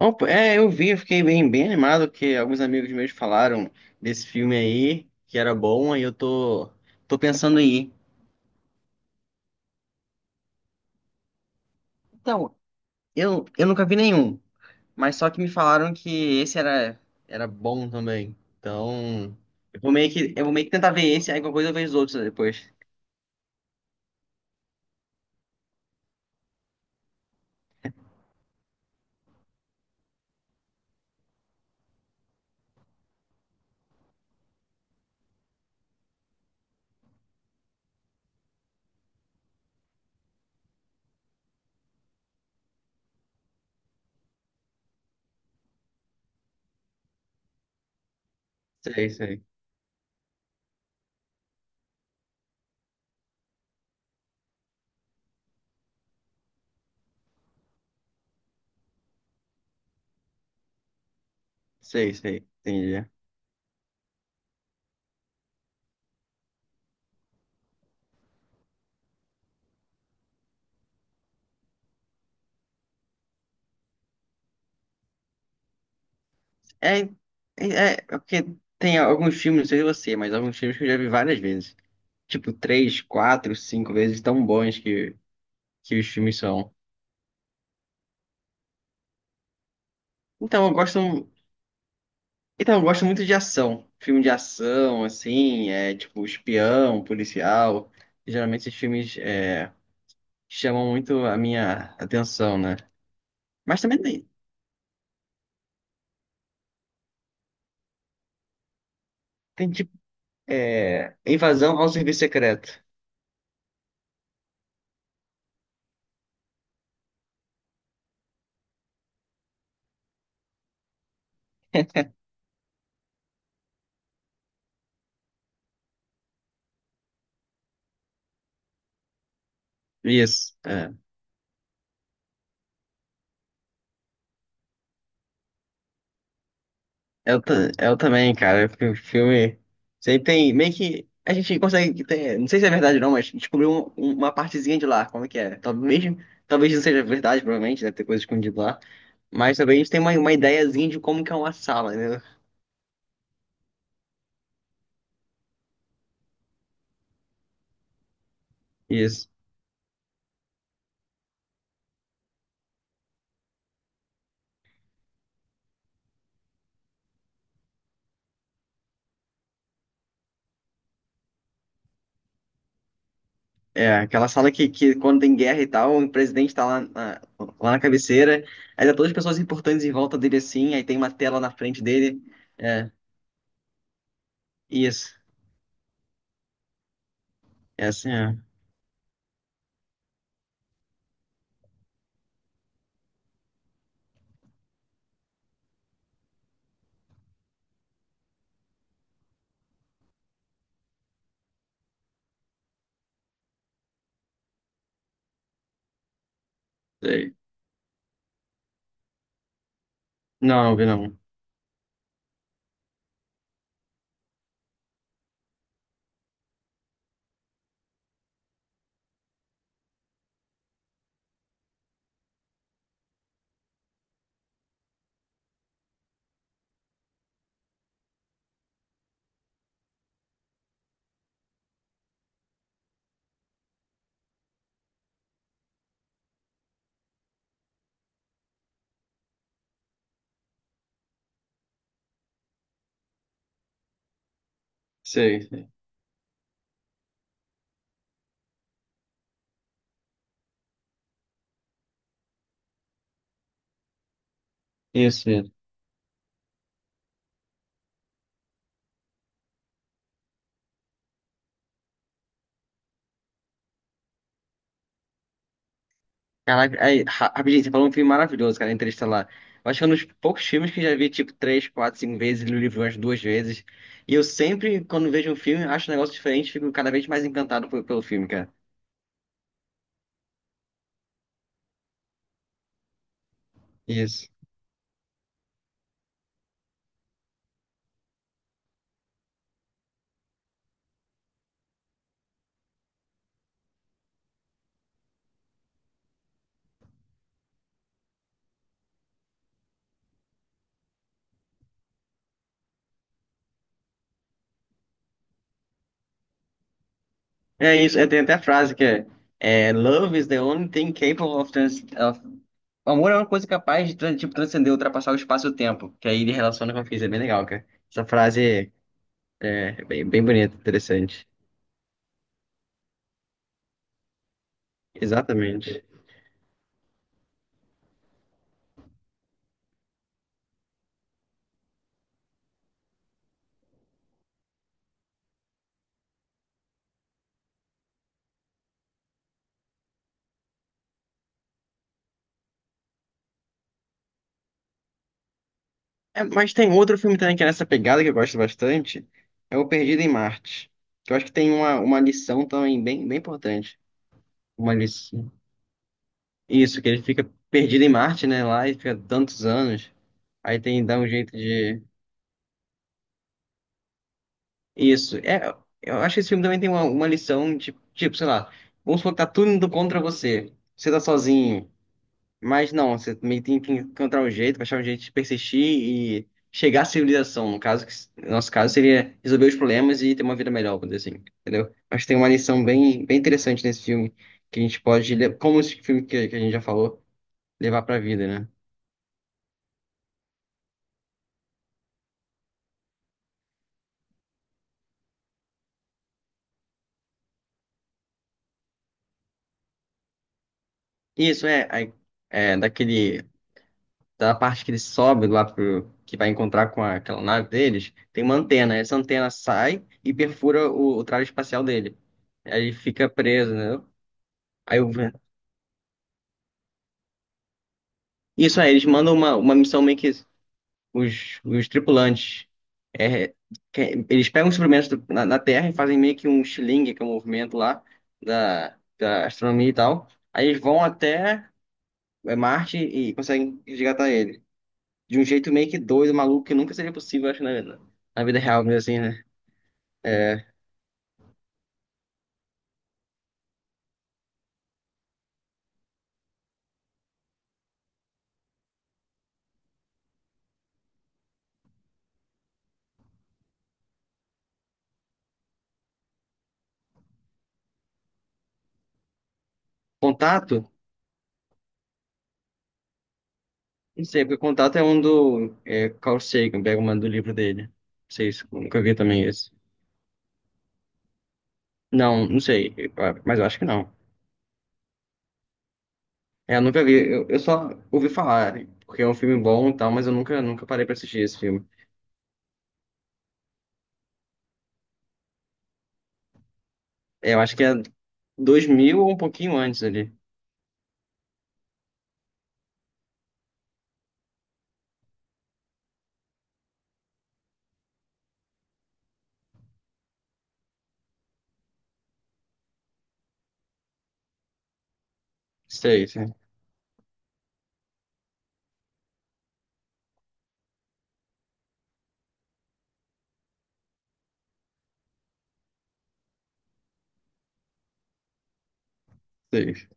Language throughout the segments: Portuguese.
Opa, é, eu vi, eu fiquei bem, bem animado, que alguns amigos meus falaram desse filme aí, que era bom, aí eu tô pensando em ir. Então, eu nunca vi nenhum, mas só que me falaram que esse era bom também. Então, eu vou meio que tentar ver esse, aí qualquer coisa eu vejo os outros depois. Sei, sei, sei, sei, entendi. É, é porque tem alguns filmes, não sei se é você, mas alguns filmes que eu já vi várias vezes. Tipo, três, quatro, cinco vezes tão bons que os filmes são. Então, eu gosto, então, eu gosto muito de ação. Filme de ação, assim, é tipo espião, policial. Geralmente esses filmes chamam muito a minha atenção, né? Mas também tem tipo invasão ao serviço secreto. Isso. Eu também, cara. O filme. Você tem. Meio que. A gente consegue ter. Não sei se é verdade ou não, mas descobriu uma partezinha de lá. Como é que é? Talvez, mesmo, talvez não seja verdade, provavelmente. Deve ter coisa escondida lá. Mas também a gente tem uma ideiazinha de como que é uma sala, né? Isso. É, aquela sala que quando tem guerra e tal, o presidente tá lá na cabeceira. Aí tá todas as pessoas importantes em volta dele assim. Aí tem uma tela na frente dele. É, isso. É assim, é. Sei. Não, vi não. Sei, sei. Isso, isso. Caraca, aí, rapidinho, você falou um filme maravilhoso, cara, Interestelar. Eu acho que é um dos poucos filmes que eu já vi, tipo, três, quatro, cinco vezes, li o livro umas duas vezes. E eu sempre, quando vejo um filme, acho um negócio diferente, fico cada vez mais encantado pelo filme, cara. Isso. É isso, é, tem até a frase que é, Love is the only thing capable of, trans of... Amor é uma coisa capaz de, tipo, transcender, ultrapassar o espaço e o tempo. Que aí ele relaciona com a física, é bem legal, cara. Essa frase é bem, bem bonita, interessante. Exatamente. É, mas tem outro filme também que é nessa pegada que eu gosto bastante, é o Perdido em Marte. Que eu acho que tem uma lição também bem, bem importante. Uma lição. Isso, que ele fica perdido em Marte, né? Lá e fica tantos anos. Aí tem, dá um jeito de. Isso. É, eu acho que esse filme também tem uma lição de, tipo, sei lá, vamos supor que tá tudo indo contra você. Você tá sozinho. Mas não, você também tem que encontrar um jeito, achar um jeito de persistir e chegar à civilização. No caso, no nosso caso, seria resolver os problemas e ter uma vida melhor, por dizer assim, entendeu? Acho que tem uma lição bem, bem interessante nesse filme, que a gente pode, como esse filme que a gente já falou, levar pra vida, né? Isso é daquele, da parte que ele sobe lá pro, que vai encontrar com aquela nave deles, tem uma antena. Essa antena sai e perfura o traje espacial dele. Aí ele fica preso, né? Aí o Isso aí, eles mandam uma missão meio que os tripulantes. é, Eles pegam os experimentos na Terra e fazem meio que um shilling, que é um movimento lá da astronomia e tal. Aí eles vão até Marte e conseguem resgatar ele. De um jeito meio que doido, maluco, que nunca seria possível, acho, na vida real, mesmo assim, né? É, contato? Não sei, porque contato é um do Carl Sagan, pega uma do livro dele. Não sei se nunca vi também esse. Não, não sei, mas eu acho que não. É, eu nunca vi. Eu só ouvi falar, porque é um filme bom e tal, mas eu nunca, nunca parei pra assistir esse filme. É, eu acho que é 2000 ou um pouquinho antes ali. Sei, sei, sei.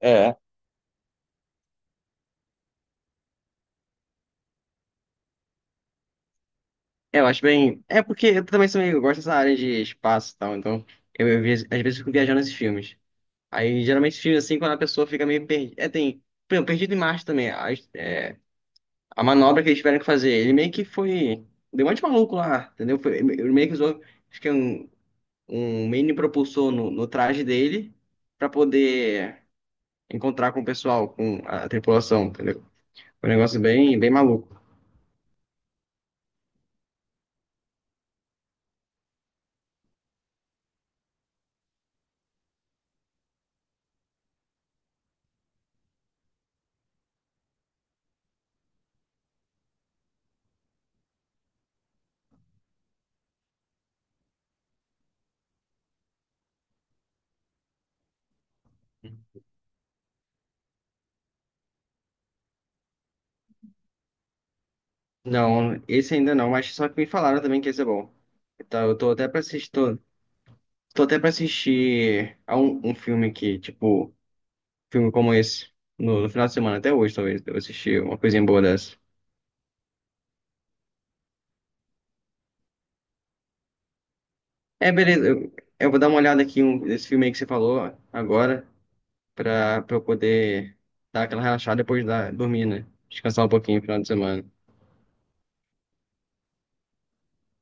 É. É, eu acho bem. É porque eu também sou meio, eu gosto dessa área de espaço e tal, então eu às vezes fico viajando nesses filmes. Aí geralmente esses filmes assim, quando a pessoa fica meio perdida. É, tem. Por exemplo, Perdido em Marte também. É, a manobra que eles tiveram que fazer, ele meio que foi. Deu um monte de maluco lá, entendeu? Foi, ele meio que usou. Acho que é um mini propulsor no traje dele para poder encontrar com o pessoal, com a tripulação, entendeu? Um negócio bem, bem maluco. Não, esse ainda não, mas só que me falaram também que esse é bom. Então, eu tô até pra assistir, tô até pra assistir a um filme que, tipo, filme como esse, no final de semana, até hoje, talvez, eu assisti uma coisinha boa dessa. É, beleza, eu vou dar uma olhada aqui nesse filme aí que você falou agora. Pra eu poder dar aquela relaxada depois da, dormir, né? Descansar um pouquinho no final de semana.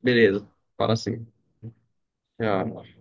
Beleza, fala assim. Tchau.